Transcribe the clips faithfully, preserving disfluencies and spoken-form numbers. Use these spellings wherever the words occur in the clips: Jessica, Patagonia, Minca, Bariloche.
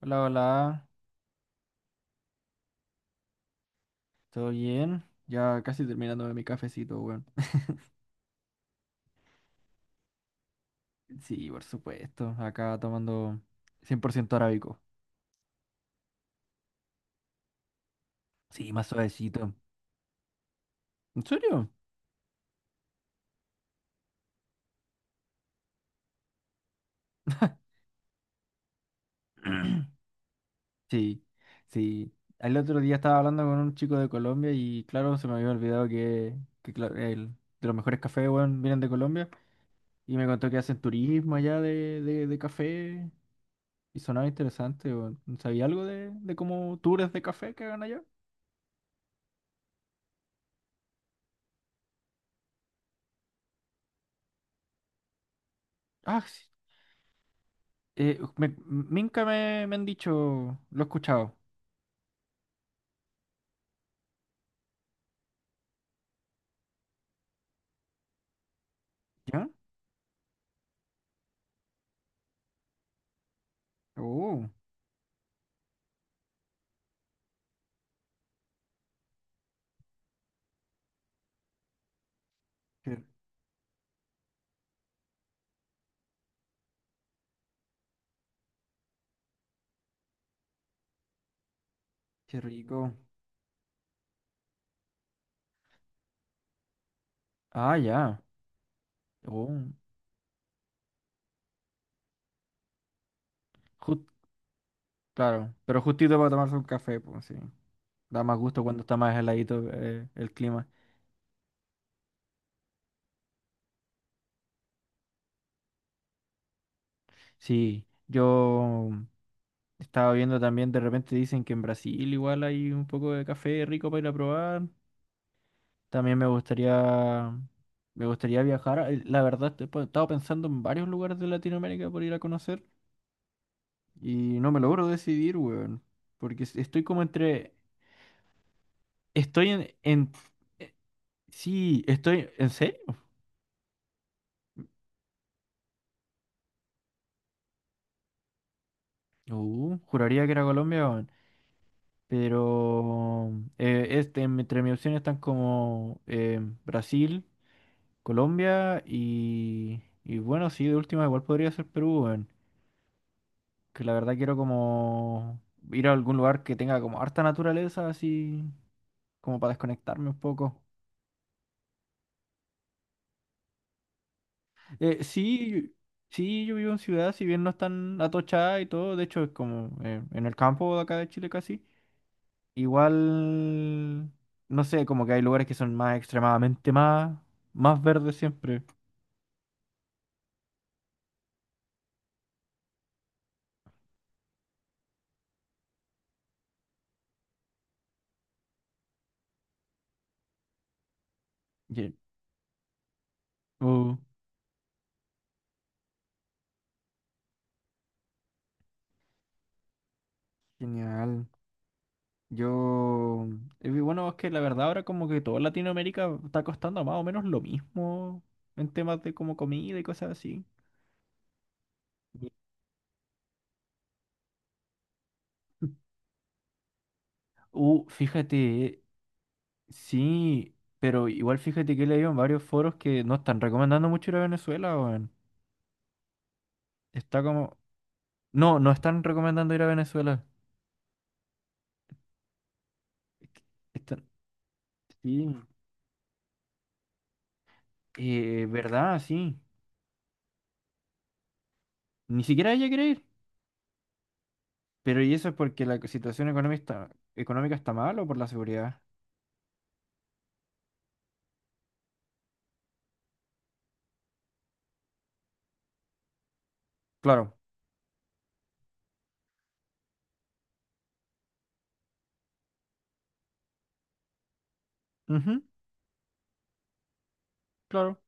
Hola, hola, ¿todo bien? Ya casi terminándome mi cafecito, weón. Sí, por supuesto, acá tomando cien por ciento arábico. Sí, más suavecito. ¿En serio? Sí, sí. El otro día estaba hablando con un chico de Colombia y claro, se me había olvidado que, que claro, el, de los mejores cafés, weón, vienen de Colombia. Y me contó que hacen turismo allá de, de, de café. Y sonaba interesante, weón. ¿Sabía algo de, de cómo tours de café que hagan allá? Ah, sí. Eh, me, Minca me, me han dicho, lo he escuchado. ¿Ya? Oh, qué, qué rico. Ah, ya. Oh, jus- claro, pero justito para tomarse un café, pues sí. Da más gusto cuando está más heladito eh, el clima. Sí, yo estaba viendo también, de repente dicen que en Brasil igual hay un poco de café rico para ir a probar. También me gustaría, me gustaría viajar. Eh, La verdad, te- pues, he estado pensando en varios lugares de Latinoamérica por ir a conocer. Y no me logro decidir, weón. Porque es- estoy como entre. Estoy en. en- eh, Sí, estoy. ¿En serio? Uh, juraría que era Colombia, weón. Pero. eh, este, em, entre mis opciones están como. eh, Brasil, Colombia y. Y bueno, sí, de última igual podría ser Perú, weón. Que la verdad quiero como. Ir a algún lugar que tenga como harta naturaleza, así. Como para desconectarme un poco. Eh, sí, sí, yo vivo en ciudad, si bien no es tan atochada y todo, de hecho es como eh, en el campo de acá de Chile casi. Igual, no sé, como que hay lugares que son más extremadamente más, más verdes siempre. Ye- Oh, genial. Yo, eh, bueno, es que la verdad ahora como que toda Latinoamérica está costando más o menos lo mismo en temas de como comida y cosas así. Ye- Uh, fíjate. Sí, pero igual fíjate que he leído en varios foros que no están recomendando mucho ir a Venezuela, weón. Está como... No, no están recomendando ir a Venezuela. Están... Sí, eh, verdad, sí. Ni siquiera ella quiere ir. Pero ¿y eso es porque la situación económica está, económica está mal o por la seguridad? Claro. Ujú, claro.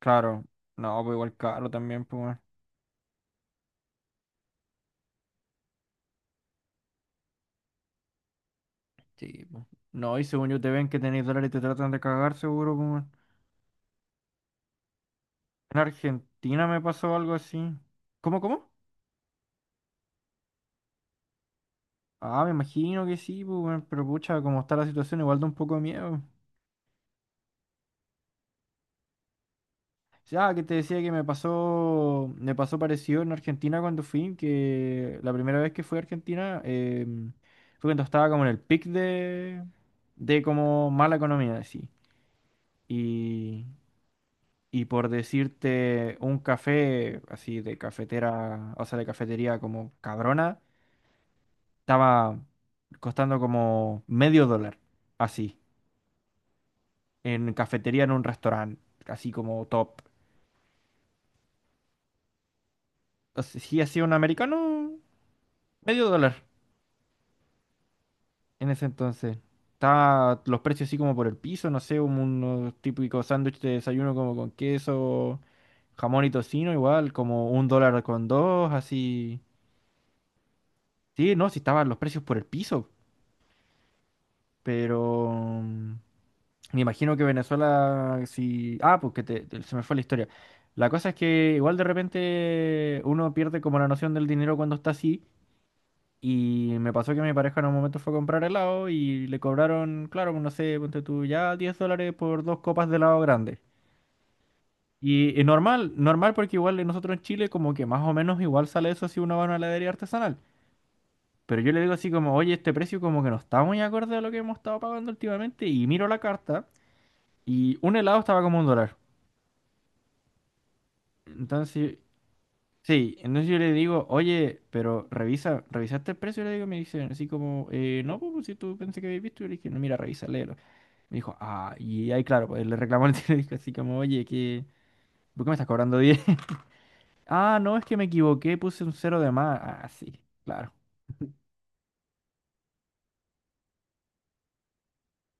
Claro. No, pues igual caro también, pues, weón. Sí, pues. No, y según yo te ven que tenéis dólares y te tratan de cagar, seguro, pues, weón. En Argentina me pasó algo así. ¿Cómo, cómo? Ah, me imagino que sí, pues, weón, pero pucha, como está la situación, igual da un poco de miedo. Ya, que te decía que me pasó, me pasó parecido en Argentina cuando fui, que la primera vez que fui a Argentina eh, fue cuando estaba como en el pic de, de como mala economía, así. Y, y por decirte, un café así de cafetera, o sea, de cafetería como cabrona, estaba costando como medio dólar, así. En cafetería en un restaurante, así como top. Entonces, sí, hacía un americano medio dólar en ese entonces. Estaba los precios así como por el piso, no sé, un- unos típicos sándwiches de desayuno como con queso, jamón y tocino, igual, como un dólar con dos, así. Sí, no, sí estaban los precios por el piso, pero mm, me imagino que Venezuela, sí... Ah, porque te- te- se me fue la historia. La cosa es que igual de repente uno pierde como la noción del dinero cuando está así. Y me pasó que mi pareja en un momento fue a comprar helado y le cobraron, claro, pues, no sé, ponte tú ya diez dólares por dos copas de helado grande. Y, y normal, normal porque igual nosotros en Chile como que más o menos igual sale eso si uno va a una heladería artesanal. Pero yo le digo así como, oye, este precio como que no está muy acorde a lo que hemos estado pagando últimamente. Y miro la carta y un helado estaba como un dólar. Entonces, sí, entonces yo le digo, oye, pero revisa, ¿revisaste el precio? Y le digo, me dice así como, eh, no, pues si tú pensé que habías visto. Y le dije, no, mira, revisa, me dijo, ah, y ahí claro, pues le reclamó al tío, así como, oye, ¿qué, ¿por qué me estás cobrando diez? Ah, no, es que me equivoqué, puse un cero de más. Ah, sí, claro.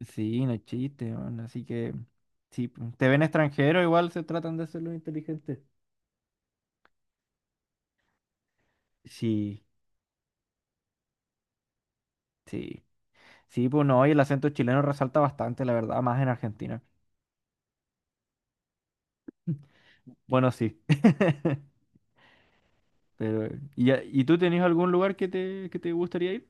Sí, no es chiste, man. Así que, si te ven extranjero, igual se tratan de hacerlo inteligente. Sí, sí. Sí, pues no, y el acento chileno resalta bastante, la verdad, más en Argentina. Bueno, sí. Pero, ¿y, ya- y tú tenés algún lugar que te, que te gustaría ir?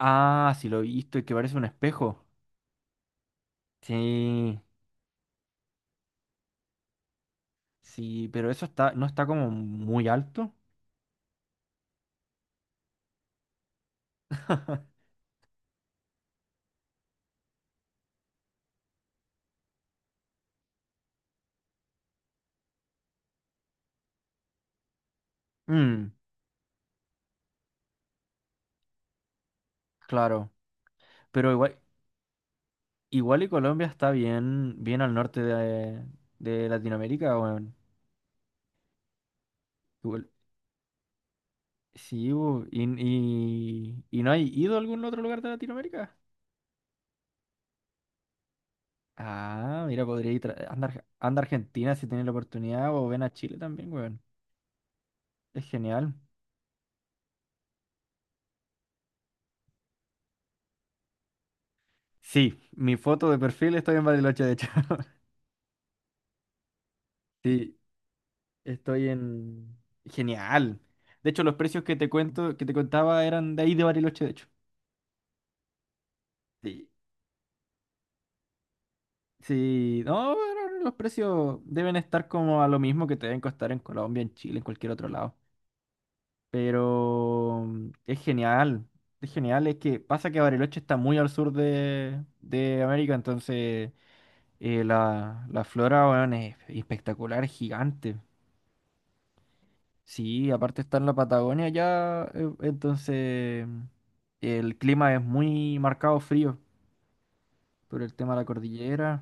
Ah, sí, lo he visto, el que parece un espejo. Sí. Sí, pero eso está, no está como muy alto. Mm, claro. Pero igual, igual y Colombia está bien, bien al norte de, de Latinoamérica, weón. Igual- sí, bu, y, y, ¿y no hay ido a algún otro lugar de Latinoamérica? Ah, mira, podría ir, tra- anda, Arge- anda a Argentina si tiene la oportunidad, o ven a Chile también, weón. Es genial. Sí, mi foto de perfil estoy en Bariloche, de hecho. Sí, estoy en... Genial. De hecho, los precios que te cuento, que te contaba eran de ahí de Bariloche, de hecho. Sí. Sí. No, pero los precios deben estar como a lo mismo que te deben costar en Colombia, en Chile, en cualquier otro lado. Pero mm, es genial. Es genial. Es que pasa que Bariloche está muy al sur de, de América, entonces eh, la, la flora, weón, es espectacular, es gigante. Sí, aparte está en la Patagonia ya, eh, entonces el clima es muy marcado frío por el tema de la cordillera.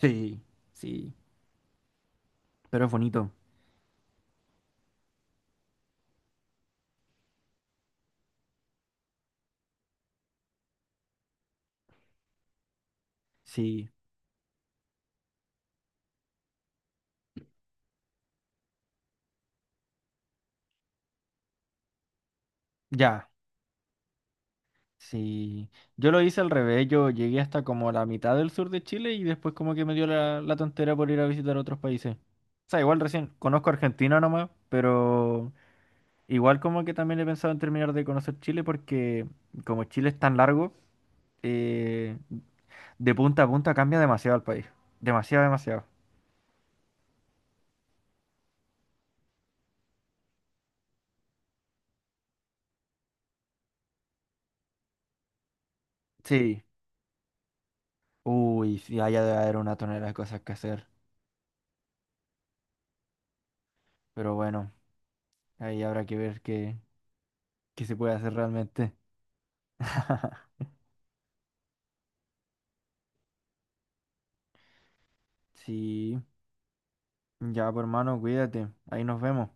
Sí, sí, pero es bonito. Sí, ya, sí. Yo lo hice al revés, yo llegué hasta como la mitad del sur de Chile y después como que me dio la, la tontera por ir a visitar otros países. O sea, igual recién conozco Argentina nomás, pero igual como que también he pensado en terminar de conocer Chile porque como Chile es tan largo, eh, de punta a punta cambia demasiado el país. Demasiado, demasiado. Sí. Uy, sí, allá debe haber una tonelada de cosas que hacer. Pero bueno, ahí habrá que ver qué, qué se puede hacer realmente. Sí. Ya, pues, hermano, cuídate. Ahí nos vemos.